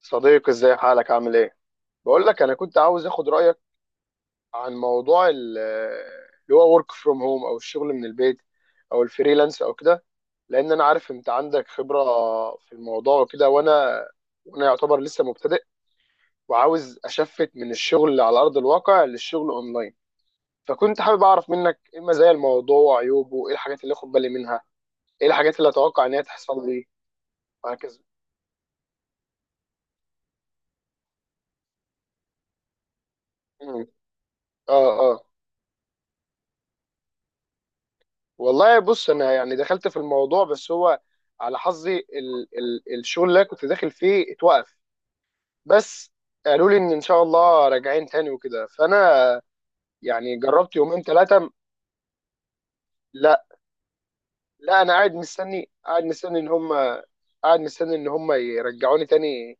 صديقي، ازاي حالك؟ عامل ايه؟ بقول لك انا كنت عاوز اخد رايك عن موضوع اللي هو ورك فروم هوم او الشغل من البيت او الفريلانس او كده. لان انا عارف انت عندك خبره في الموضوع وكده. وانا يعتبر لسه مبتدئ وعاوز اشفت من الشغل على ارض الواقع للشغل اونلاين. فكنت حابب اعرف منك ايه مزايا الموضوع وعيوبه، ايه الحاجات اللي اخد بالي منها، ايه الحاجات اللي اتوقع ان هي تحصل لي وهكذا. مم. اه آه. والله بص، انا يعني دخلت في الموضوع بس هو على حظي ال ال الشغل اللي أنا كنت داخل فيه اتوقف. بس قالوا لي ان شاء الله راجعين تاني وكده. فانا يعني جربت يومين ثلاثه. لا، لا، انا قاعد مستني ان هم يرجعوني تاني.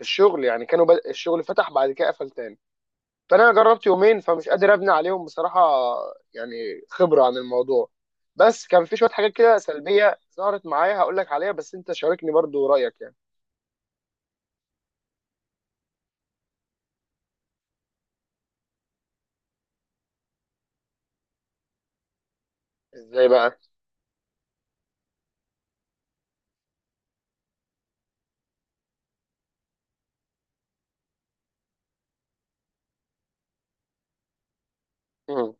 الشغل يعني كانوا بدأ الشغل، فتح بعد كده قفل تاني، فانا جربت يومين فمش قادر ابني عليهم بصراحه، يعني خبره عن الموضوع. بس كان في شويه حاجات كده سلبيه ظهرت معايا، هقول لك عليها بس انت شاركني برضو رايك يعني. ازاي بقى؟ مم.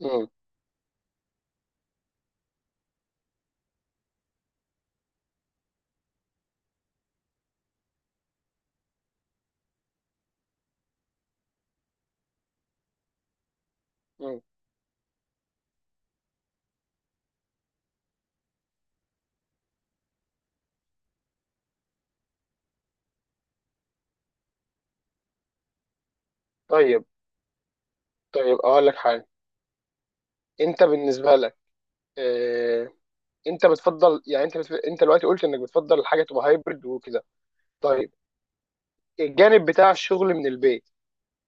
مم. مم. طيب، طيب. اقول لك حاجه. انت بالنسبه لك، اه... انت بتفضل، يعني انت دلوقتي قلت انك بتفضل الحاجه تبقى هايبرد وكده. طيب، الجانب بتاع الشغل من البيت،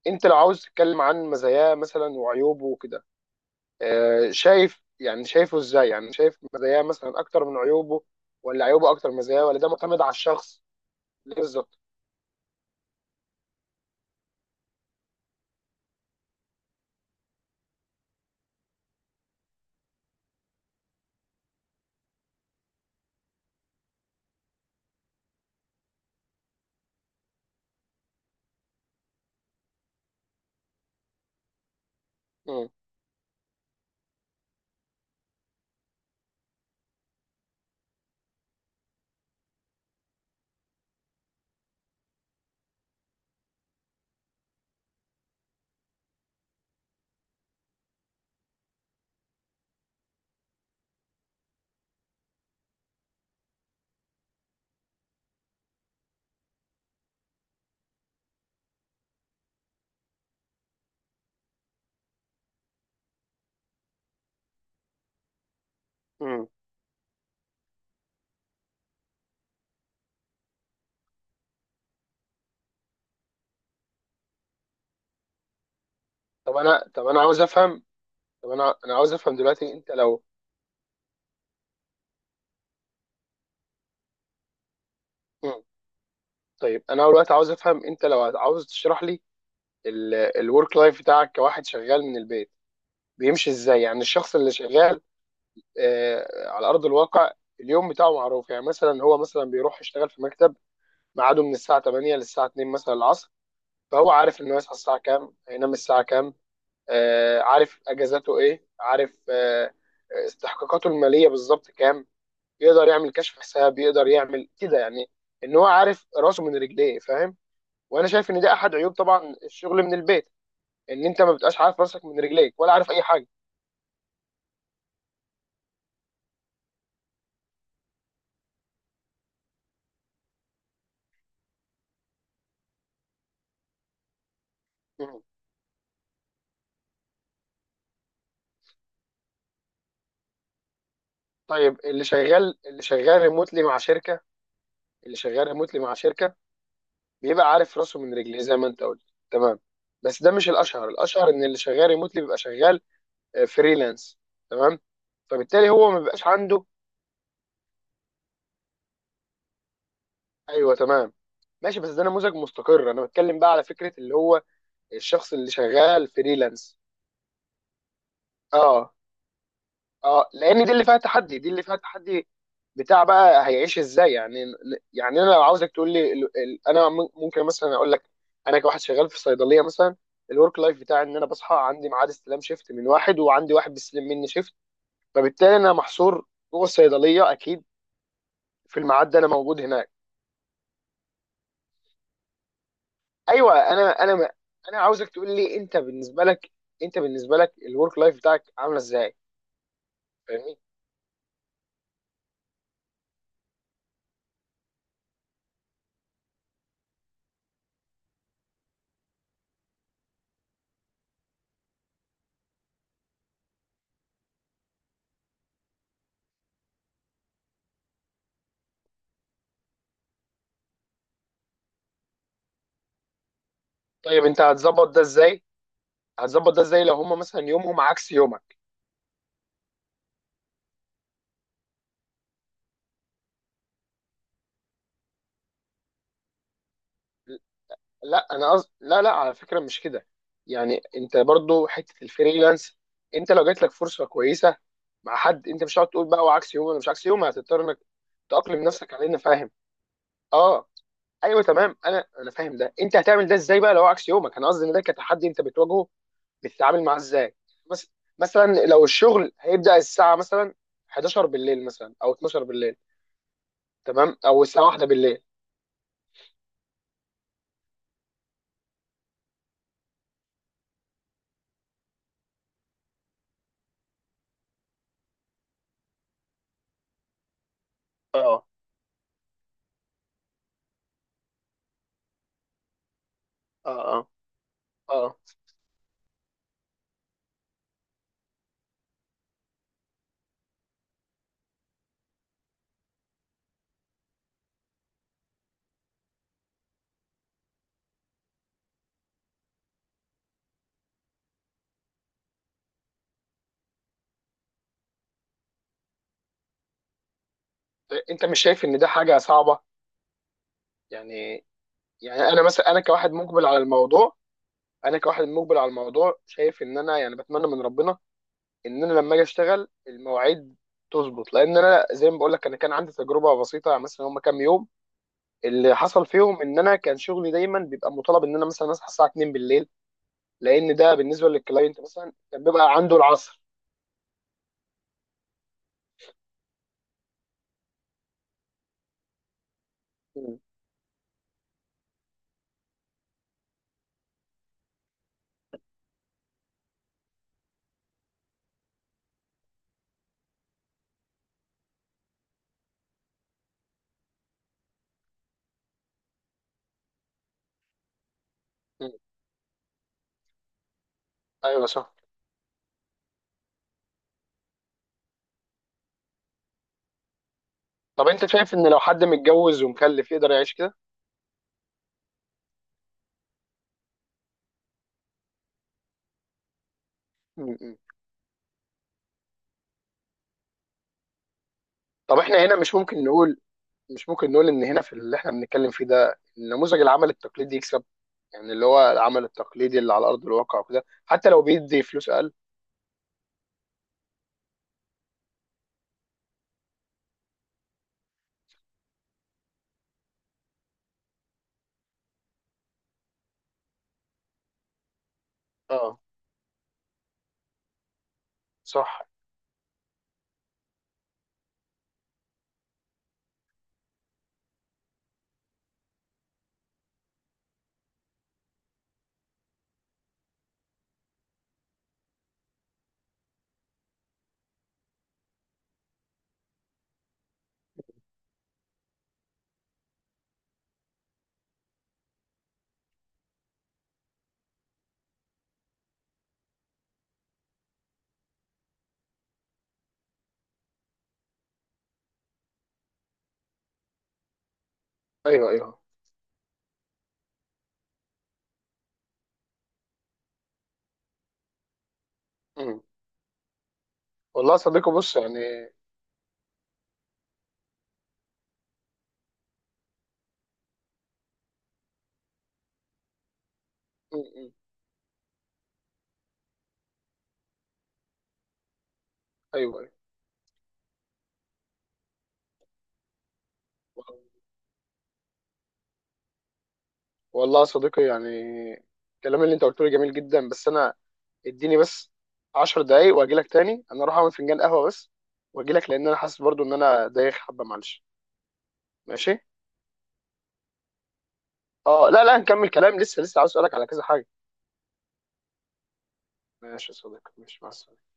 انت لو عاوز تتكلم عن مزاياه مثلا وعيوبه وكده، شايف، يعني شايفه ازاي؟ يعني شايف مزاياه مثلا اكتر من عيوبه، ولا عيوبه اكتر من مزاياه، ولا ده معتمد على الشخص؟ ليه بالظبط؟ مم. مم. طب انا عاوز افهم. طب انا عاوز افهم دلوقتي، انت لو... مم. طيب، انا دلوقتي عاوز افهم، انت لو عاوز تشرح لي الورك لايف بتاعك كواحد شغال من البيت، بيمشي ازاي؟ يعني الشخص اللي شغال على ارض الواقع اليوم بتاعه معروف، يعني مثلا هو مثلا بيروح يشتغل في مكتب، ميعاده من الساعه 8 للساعه 2 مثلا العصر، فهو عارف انه يصحى الساعه كام، هينام الساعه كام، عارف اجازاته ايه، عارف استحقاقاته الماليه بالظبط كام، يقدر يعمل كشف حساب، يقدر يعمل كده، يعني ان هو عارف راسه من رجليه، فاهم؟ وانا شايف ان ده احد عيوب طبعا الشغل من البيت، ان انت ما بتبقاش عارف راسك من رجليك ولا عارف اي حاجه. مم. طيب، اللي شغال ريموتلي مع شركه. اللي شغال ريموتلي مع شركه بيبقى عارف راسه من رجليه زي ما انت قلت، تمام. بس ده مش الاشهر ان اللي شغال ريموتلي بيبقى شغال فريلانس، تمام، فبالتالي هو ما بيبقاش عنده. ايوه تمام. ماشي، بس ده نموذج مستقر. انا بتكلم بقى على فكره اللي هو الشخص اللي شغال فريلانس. اه، اه، لان دي اللي فيها تحدي، دي اللي فيها تحدي، بتاع بقى هيعيش ازاي يعني. يعني انا لو عاوزك تقول لي ممكن مثلا اقول لك، انا كواحد شغال في صيدليه مثلا، الورك لايف بتاعي ان انا بصحى عندي ميعاد استلام شيفت من واحد، وعندي واحد بيستلم مني شيفت، فبالتالي انا محصور جوه الصيدليه اكيد، في الميعاد ده انا موجود هناك. ايوه، انا انا ما- انا عاوزك تقول لي انت بالنسبه لك الورك لايف بتاعك عامله ازاي، فاهمني؟ طيب، انت هتظبط ده ازاي لو هم مثلا يومهم عكس يومك؟ لا، انا قصد، لا، لا، على فكره مش كده، يعني انت برضو حته الفريلانس، انت لو جات لك فرصه كويسه مع حد، انت مش هتقعد تقول بقى وعكس يومي ولا مش عكس يومي، هتضطر انك تأقلم نفسك على ان، فاهم؟ اه، ايوه تمام. انا فاهم ده، انت هتعمل ده ازاي بقى لو هو عكس يومك؟ انا قصدي ان ده كتحدي انت بتواجهه، بتتعامل معاه ازاي؟ مس- مثلا لو الشغل هيبدأ الساعة مثلا 11 بالليل مثلا، او 12 بالليل، تمام، او الساعة 1 بالليل. اه، اه، اه، اه. انت مش شايف ان ده حاجة صعبة يعني يعني انا مثلا، انا كواحد مقبل على الموضوع، شايف ان انا يعني بتمنى من ربنا ان انا لما اجي اشتغل المواعيد تظبط، لان انا زي ما بقول لك، انا كان عندي تجربة بسيطة يعني مثلا هم كام يوم، اللي حصل فيهم ان انا كان شغلي دايما بيبقى مطالب ان انا مثلا اصحى الساعة 2 بالليل، لان ده بالنسبه للكلاينت مثلا كان بيبقى عنده العصر. م- م. ايوه صح. طب انت شايف ان لو حد متجوز ومخلف يقدر يعيش كده؟ م- م. طب احنا هنا مش ممكن نقول ان هنا في اللي احنا بنتكلم فيه ده نموذج العمل التقليدي يكسب، يعني اللي هو العمل التقليدي اللي على ارض الواقع وكده، حتى لو بيدي فلوس اقل. اه صح. ايوه، ايوه. م. والله يا صديقي بص يعني. م- م. ايوه، ايوه. والله يا صديقي، يعني الكلام اللي انت قلته لي جميل جدا، بس انا اديني بس 10 دقايق واجي لك تاني، انا اروح اعمل فنجان قهوه بس واجي لك، لان انا حاسس برضو ان انا دايخ حبه، معلش. ماشي. اه، لا، لا، هنكمل كلام لسه، لسه عاوز اسالك على كذا حاجه. ماشي يا صديقي، ماشي، مع السلامه.